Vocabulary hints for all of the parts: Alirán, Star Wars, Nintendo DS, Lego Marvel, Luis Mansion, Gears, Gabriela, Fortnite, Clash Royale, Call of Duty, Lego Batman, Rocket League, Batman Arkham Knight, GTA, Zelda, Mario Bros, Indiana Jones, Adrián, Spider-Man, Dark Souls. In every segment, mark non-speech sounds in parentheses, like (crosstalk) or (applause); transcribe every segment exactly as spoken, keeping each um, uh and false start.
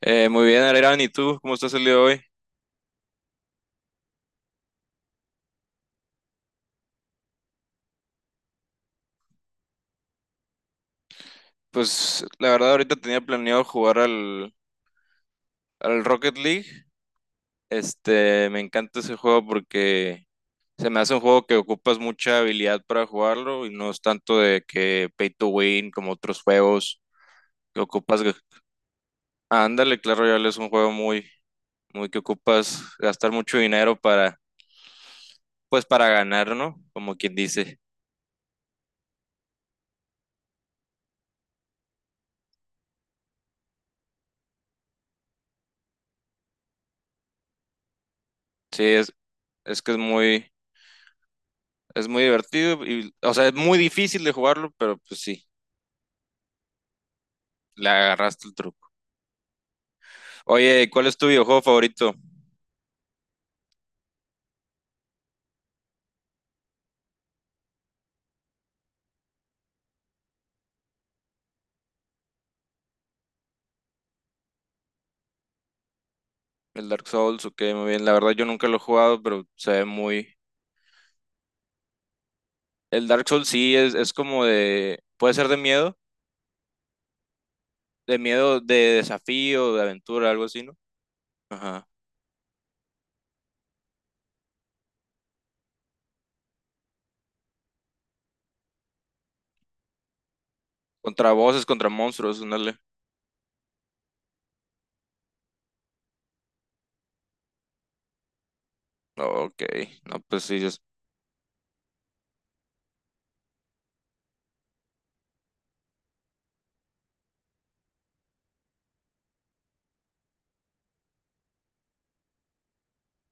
Eh, muy bien, Alirán, ¿y tú? ¿Cómo estás el día de hoy? Pues la verdad ahorita tenía planeado jugar al, al Rocket League. Este, me encanta ese juego porque se me hace un juego que ocupas mucha habilidad para jugarlo y no es tanto de que pay to win como otros juegos que ocupas. g- Ándale, Clash Royale es un juego muy, muy que ocupas gastar mucho dinero para, pues para ganar, ¿no? Como quien dice. Sí, es, es que es muy, es muy divertido y, o sea, es muy difícil de jugarlo, pero pues sí. Le agarraste el truco. Oye, ¿cuál es tu videojuego favorito? El Dark Souls, ok, muy bien. La verdad yo nunca lo he jugado, pero se ve muy... El Dark Souls sí es, es como de... Puede ser de miedo, de miedo, de desafío, de aventura, algo así, ¿no? Ajá. Contra voces, contra monstruos, ándale. Ok, no, pues sí, es-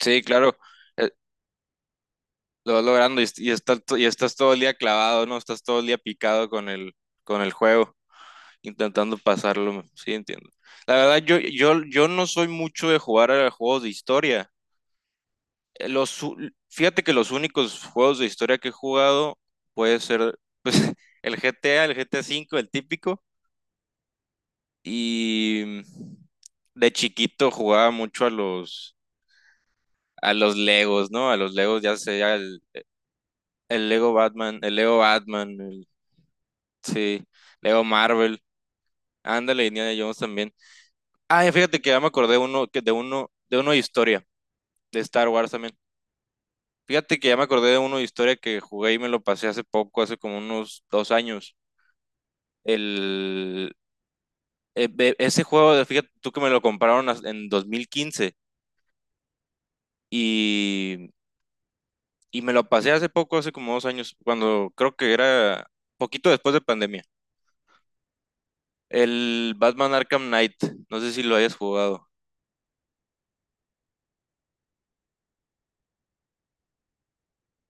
sí, claro, eh, lo vas logrando y, y estás, to- y estás todo el día clavado, ¿no? Estás todo el día picado con el, con el juego. Intentando pasarlo, sí entiendo. La verdad, yo, yo, yo no soy mucho de jugar a juegos de historia. Eh, Los, u- fíjate que los únicos juegos de historia que he jugado puede ser pues, (laughs) el G GTA, el G GTA cinco el típico. Y mm, de chiquito jugaba mucho a los, a los Legos, ¿no? A los Legos, ya sea el, el Lego Batman, el Lego Batman, el- sí, Lego Marvel. Ándale, Indiana Jones también. Ah, y fíjate que ya me acordé uno, que de uno, de uno de historia. De Star Wars también. Fíjate que ya me acordé de una historia que jugué y me lo pasé hace poco, hace como unos dos años. El, e- e- ese juego, de- fíjate tú que me lo compraron as- en dos mil quince y, y me lo pasé hace poco, hace como dos años, cuando creo que era poquito después de pandemia. El Batman Arkham Knight, no sé si lo hayas jugado.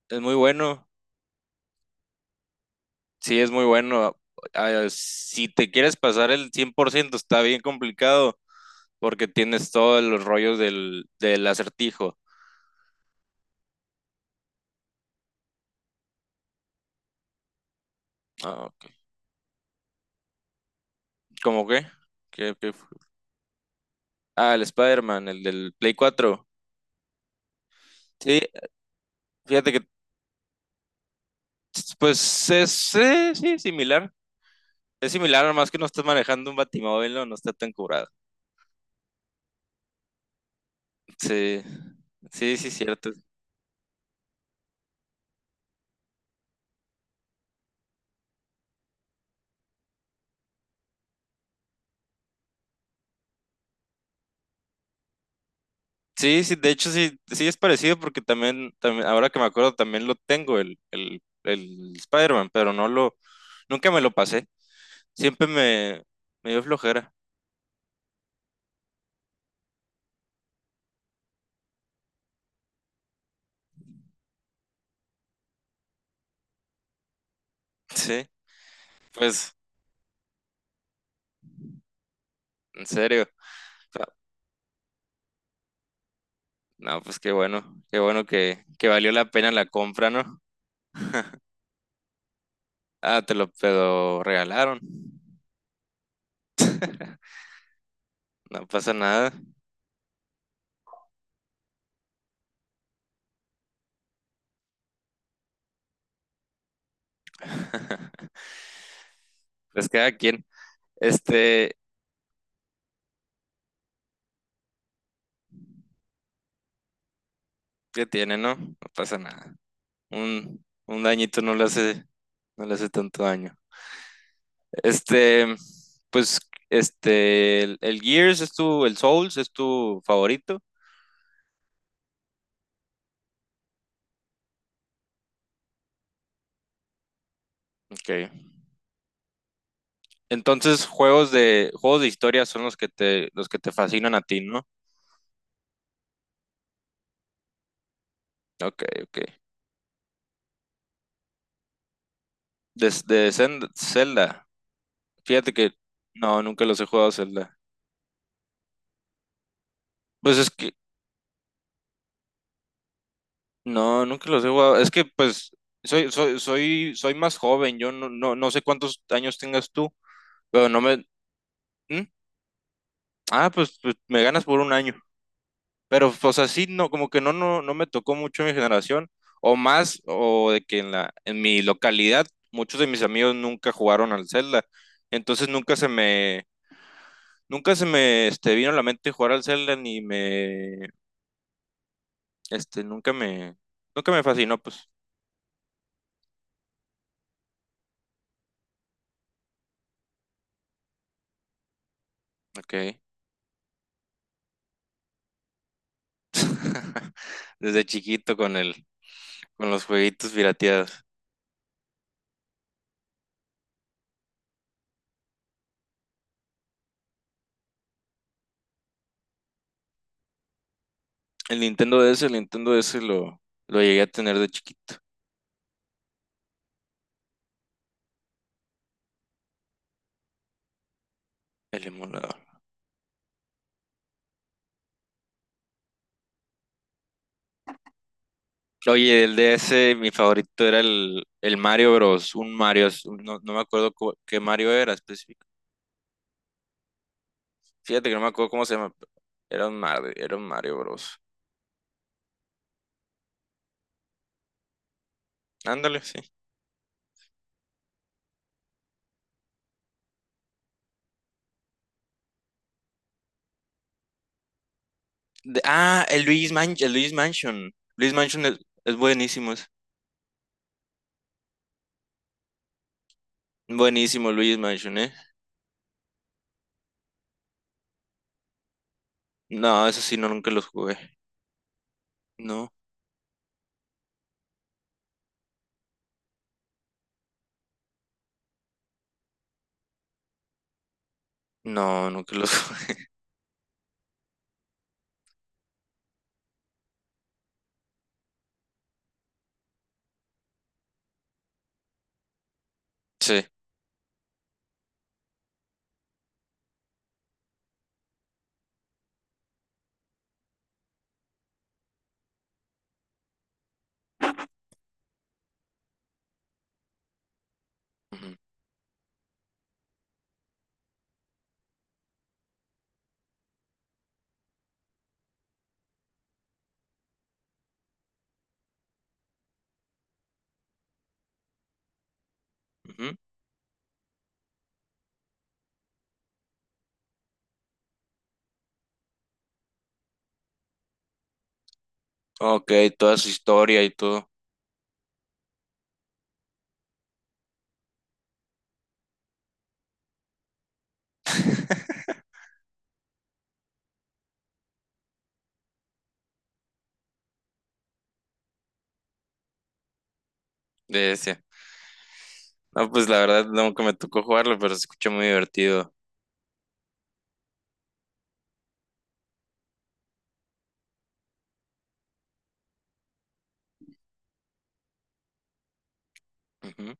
Es muy bueno, sí, es muy bueno. Ah, si te quieres pasar el cien por ciento, está bien complicado porque tienes todos los rollos del, del acertijo. Ah, ¿cómo qué? ¿Qué- qué fu- Ah, el Spider-Man, el del Play cuatro. Sí, fíjate que, pues, es, eh, sí, similar. Es similar, nomás que no estás manejando un batimóvil, no, no está tan curado. Sí, sí, sí, cierto. Sí, sí, de hecho, sí, sí es parecido porque también, también, ahora que me acuerdo, también lo tengo, el, el, el Spider-Man, pero no lo, nunca me lo pasé. Siempre me, me dio flojera. Sí, pues. En serio. Ah, no, pues qué bueno, qué bueno que, que valió la pena la compra, ¿no? Ah, te lo, te lo regalaron. No pasa nada. (laughs) Pues cada quien, este, que tiene, ¿no? No pasa nada. Un, un dañito no le hace, no le hace tanto daño. Este, pues, este, el, el Gears es tu, el Souls es tu favorito. Ok. Entonces, juegos de, juegos de historia son los que te, los que te fascinan a ti, ¿no? Ok, ok. De, de Zen- Zelda. Fíjate que no, nunca los he jugado Zelda. Pues es que no, nunca los he jugado. Es que pues soy, soy, soy, soy más joven. Yo no, no, no sé cuántos años tengas tú, pero no me. ¿Mm? Ah, pues, pues, me ganas por un año. Pero pues así no, como que no, no, no me tocó mucho mi generación. O más, o de que en la, en mi localidad, muchos de mis amigos nunca jugaron al Zelda. Entonces nunca se me, nunca se me este, vino a la mente jugar al Zelda ni me. Este, nunca me, nunca me fascinó, pues. Ok. (laughs) Desde chiquito con el, con los jueguitos pirateados. El Nintendo D S, el Nintendo D S lo, lo llegué a tener de chiquito. El emulador. Oye, el D S, mi favorito era el, el Mario Bros. Un Mario, es- no, no me acuerdo cu- qué Mario era específico. Fíjate que no me acuerdo cómo se llama, pero era un Mario, era un Mario Bros. Ándale, sí. De- ah, el Luis Mansion, el Luis Mansion. Luis Mansion es, es buenísimo, es buenísimo Luis Mansion, ¿eh? No, eso sí, no, nunca los jugué. No, no, nunca los jugué. (laughs) Sí. Ujú, ujú. Ok, toda su historia y todo de ese. No, pues la verdad nunca me tocó jugarlo, pero se escucha muy divertido. Ujú.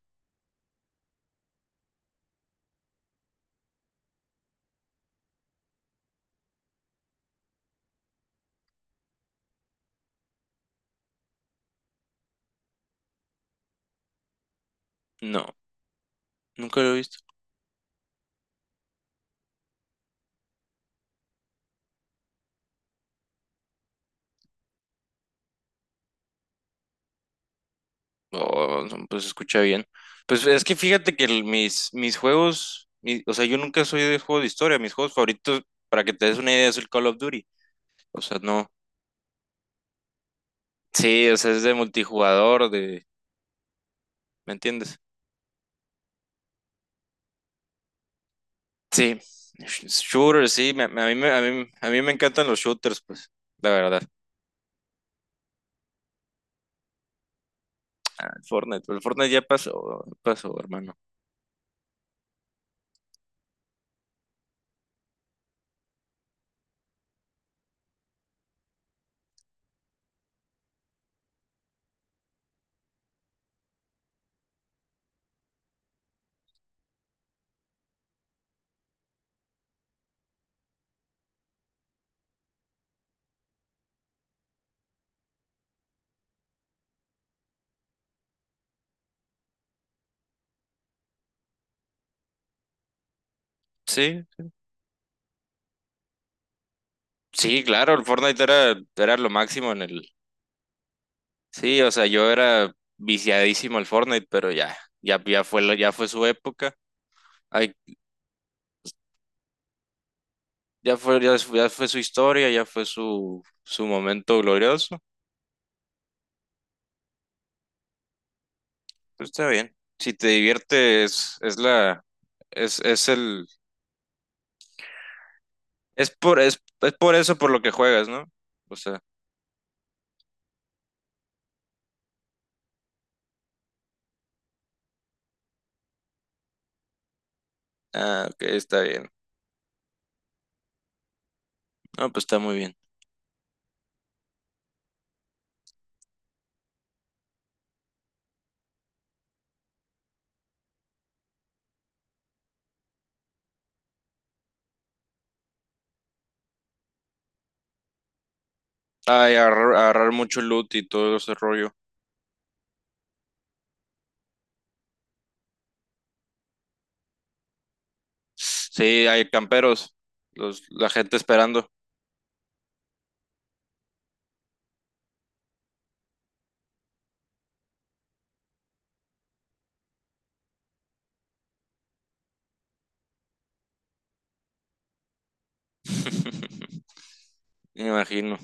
No, nunca lo he visto. Oh, no, pues se escucha bien. Pues es que fíjate que el- mis, mis juegos, mi- o sea, yo nunca soy de juego de historia. Mis juegos favoritos, para que te des una idea, es el Call of Duty. O sea, no. Sí, o sea, es de multijugador, de... ¿Me entiendes? Sí, sh- shooters, sí, me- me- a mí, me- a mí, a mí me encantan los shooters, pues, la verdad. El Fortnite, el Fortnite ya pasó, pasó, hermano. Sí, sí, claro, el Fortnite era, era lo máximo en el... Sí, o sea, yo era viciadísimo al Fortnite, pero ya, ya, ya fue, la- ya fue su época, ay, ya fue, ya, fue- ya fue su historia, ya fue su, su momento glorioso. Pues está bien. Si te diviertes, es la, es, es el, es por, es, es por eso por lo que juegas, ¿no? O sea. Ah, ok, está bien. No, pues está muy bien. Ay, agarrar, agarrar mucho loot y todo ese rollo. Sí, hay camperos, los, la gente esperando. (laughs) Me imagino,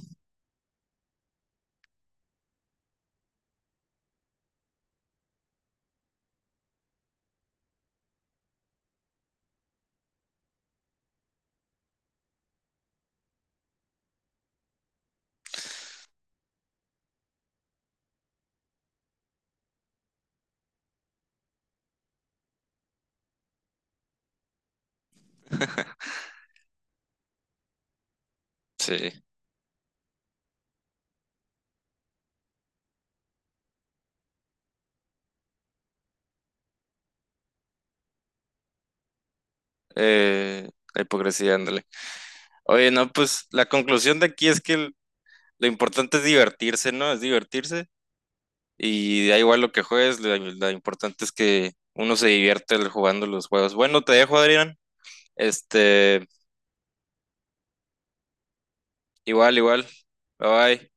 sí. Eh, la hipocresía, ándale. Oye, no, pues la conclusión de aquí es que el- lo importante es divertirse, ¿no? Es divertirse. Y da igual lo que juegues, lo, lo importante es que uno se divierte al- jugando los juegos. Bueno, te dejo, Adrián. Este, igual, igual. Bye bye.